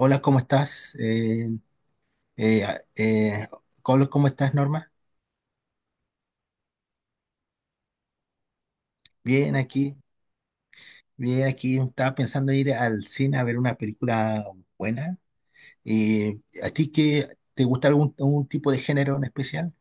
Hola, ¿cómo estás? Eh, a- eh, Colo, ¿cómo estás, Norma? Bien aquí, bien aquí. Estaba pensando ir al cine a ver una película buena. ¿A ti qué te gusta algún tipo de género en especial?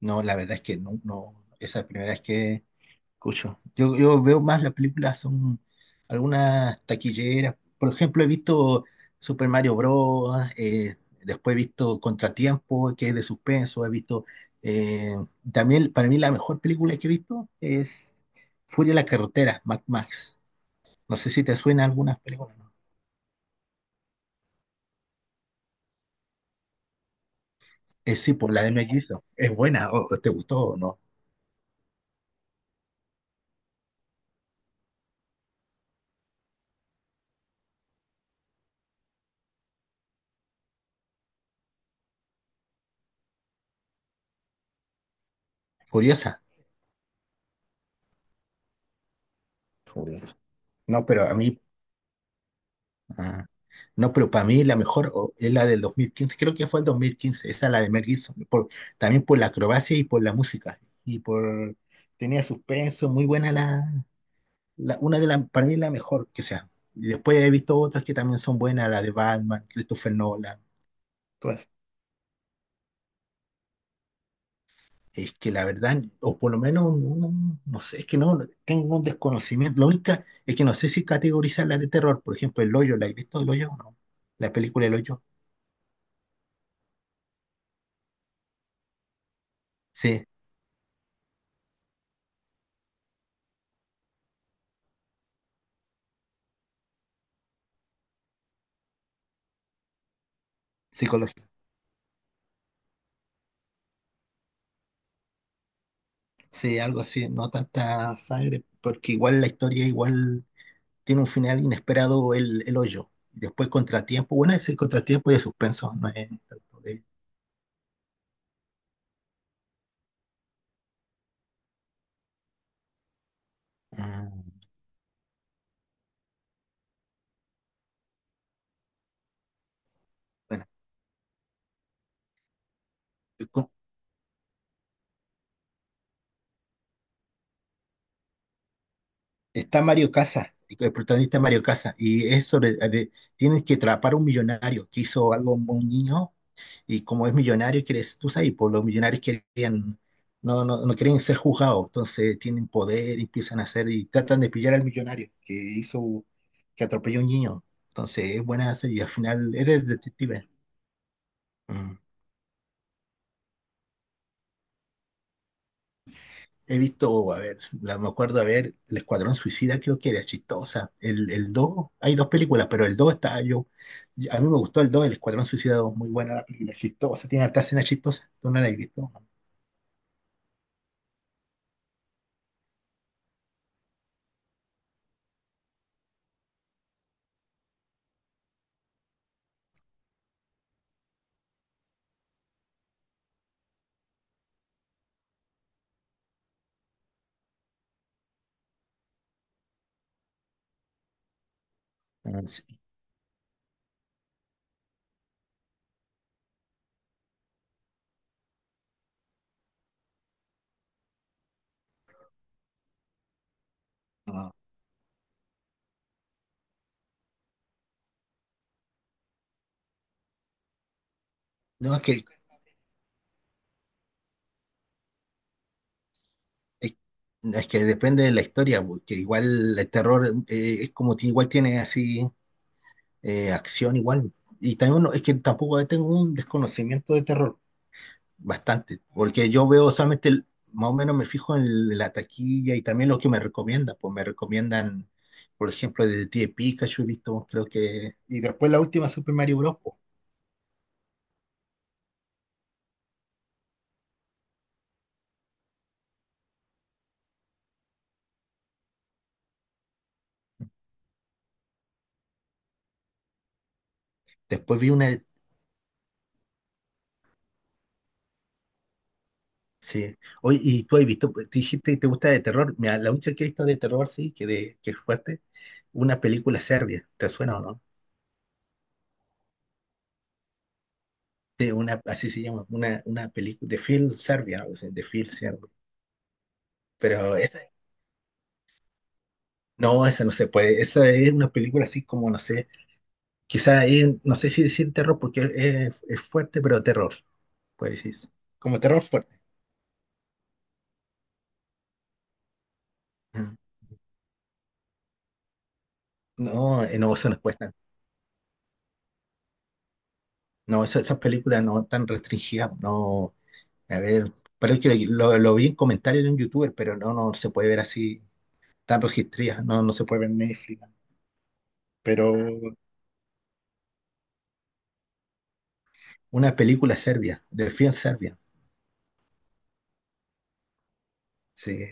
No, la verdad es que no, no. Esa es la primera vez escucho. Yo veo más las películas, son algunas taquilleras. Por ejemplo, he visto Super Mario Bros., después he visto Contratiempo, que es de suspenso. He visto, eh, también, para mí, la mejor película que he visto es Furia en la Carretera, Mad Max. No sé si te suena algunas películas, ¿no? Sí, por la de Mel Gibson. Es buena, o ¿te gustó o no? Furiosa. Furioso. No, pero a mí, ah, no, pero para mí la mejor es la del 2015, creo que fue el 2015, esa, la de Mel Gibson, también por la acrobacia y por la música, y por, tenía suspenso, muy buena una de las, para mí la mejor que sea. Y después he visto otras que también son buenas, la de Batman, Christopher Nolan, todas. Es que la verdad, o por lo menos, no, no sé, es que no, tengo un desconocimiento. Lo único es que no sé si categorizar la de terror, por ejemplo, El Hoyo. ¿La he visto El Hoyo o no? La película El Hoyo, sí, psicológica. Sí, algo así, no tanta sangre, porque igual la historia igual tiene un final inesperado, el hoyo. Y después contratiempo, bueno, es el contratiempo y el suspenso, no es tanto de- Ah, bueno, y está Mario Casas, y el protagonista es Mario Casas, y es tienes que atrapar a un millonario que hizo algo a un niño. Y como es millonario, quiere, tú sabes, pues los millonarios querían, no, no, no quieren ser juzgados, entonces tienen poder, empiezan a hacer y tratan de pillar al millonario que hizo, que atropelló a un niño. Entonces es buena esa y al final es de detective. Mm. He visto, a ver, me acuerdo, a ver, El Escuadrón Suicida, creo que era chistosa. El dos, hay dos películas, pero el 2 está yo. A mí me gustó el dos, El Escuadrón Suicida dos, muy buena la película, chistosa, tiene harta escena chistosa. ¿Tú no la has visto? Mm. Sí. No, no, Es es que depende de la historia, porque igual el terror, es como que igual tiene así acción igual. Y también es que tampoco tengo un desconocimiento de terror, bastante, porque yo veo solamente, más o menos me fijo en la taquilla y también lo que me recomiendan, pues me recomiendan, por ejemplo, de Pie Pikachu, he visto, creo que. Y después la última Super Mario Bros., pues. Después vi una de-. Sí. Oye, y tú has visto, te dijiste que te gusta de terror. Mira, la única que he visto de terror, sí, que, de, que es fuerte, una película serbia. ¿Te suena o no? De una, así se llama, una película de film serbia, algo así, de film serbia. Pero esa no se puede, esa es una película así como, no sé, quizá no sé si decir terror porque es fuerte, pero terror, puede decirse, como terror fuerte. Ajá. No, no, eso no cuesta. No, esas películas no tan restringidas, no, a ver, pero es que lo vi en comentarios de un youtuber, pero no, no se puede ver así, tan registradas, no, no se puede ver en Netflix, ¿no? Pero una película serbia, de film serbia. Sí.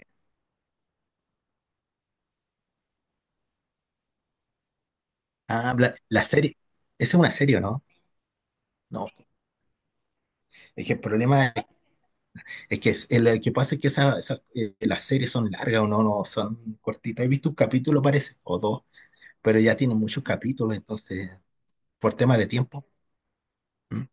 Ah, la serie. Esa es una serie, ¿o no? No, es que el problema es que lo que pasa es que las series son largas, o no, no son cortitas. He visto un capítulo, parece, o dos, pero ya tienen muchos capítulos, entonces, por tema de tiempo. ¿Mm?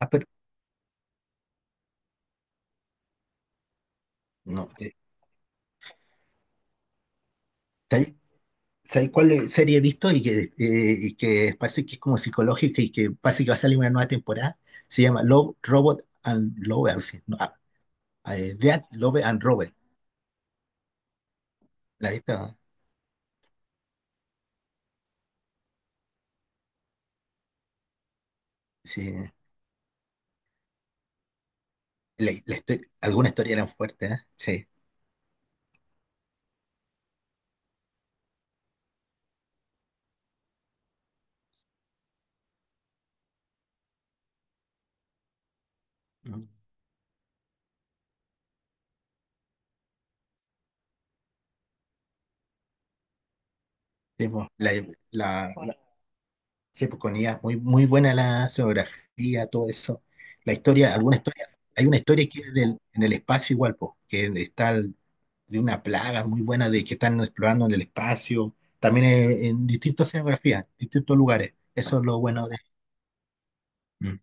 Ah, pero no. ¿Sabes sabes cuál serie he visto y y que parece que es como psicológica y que parece que va a salir una nueva temporada? Se llama Love, Robot and Love, algo así. No, Death, Love and Robot. ¿La has visto? Sí. Alguna historia eran fuertes, ¿eh? Sí. Mm. Sí, pues, bueno, sí, pues, con IA, muy, muy buena la geografía, todo eso. La historia, alguna historia, hay una historia que es en el espacio igual, pues, que está de una plaga muy buena de que están explorando en el espacio, también en distintas geografías, distintos lugares. Eso es lo bueno de. Mm.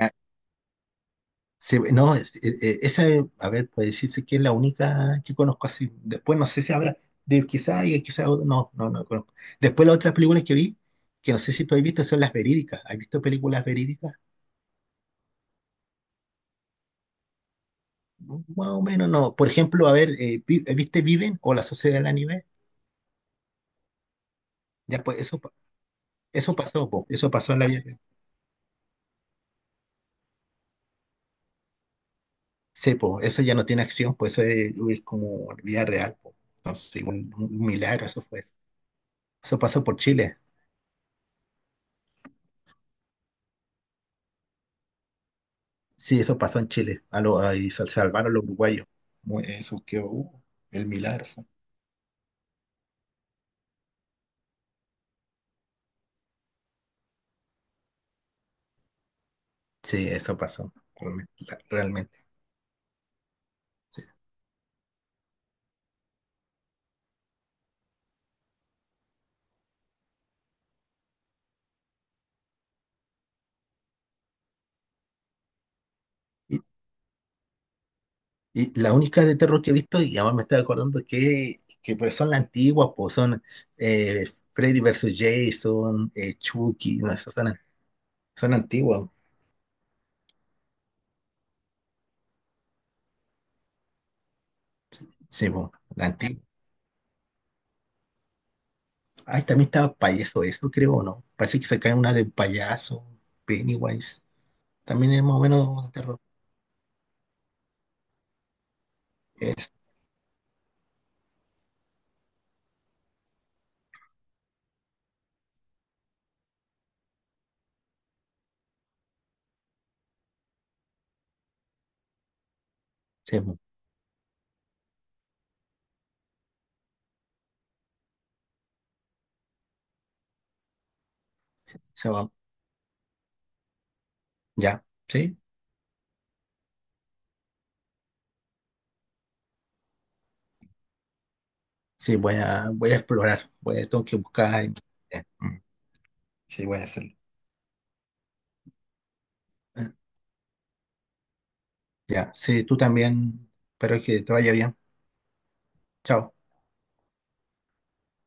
Eh, Sí, no, a ver, puede decirse que es la única que conozco así. Después no sé si habrá, quizá y quizá otra, no, no, no conozco. Después las otras películas que vi, que no sé si tú has visto, son las verídicas. ¿Has visto películas verídicas? Más o menos no. Por ejemplo, a ver, ¿viste Viven o La Sociedad de la Nieve? Ya pues eso, eso pasó, po, eso pasó en la vida real. Sí, po, eso ya no tiene acción, pues eso es como vida real, po. Entonces, igual, un milagro, eso fue. Eso pasó por Chile. Sí, eso pasó en Chile. Ahí se salvaron los uruguayos. Eso que el milagro fue. Sí, eso pasó realmente, realmente. Y, la única de terror que he visto, y además me estoy acordando que, pues son las antiguas, pues son eh, Freddy versus Jason, Chucky, no, esas son, antiguas. Sí, pues, la antigua. Ay, también estaba payaso, eso creo, ¿o no? Parece que sacaron una de un payaso, Pennywise. También es más o menos de terror. Es, sí, pues, se va. Ya, sí. Sí, voy a explorar, tengo que buscar en internet. Mm, sí, voy a hacerlo. Ya, sí, tú también. Espero que te vaya bien. Chao.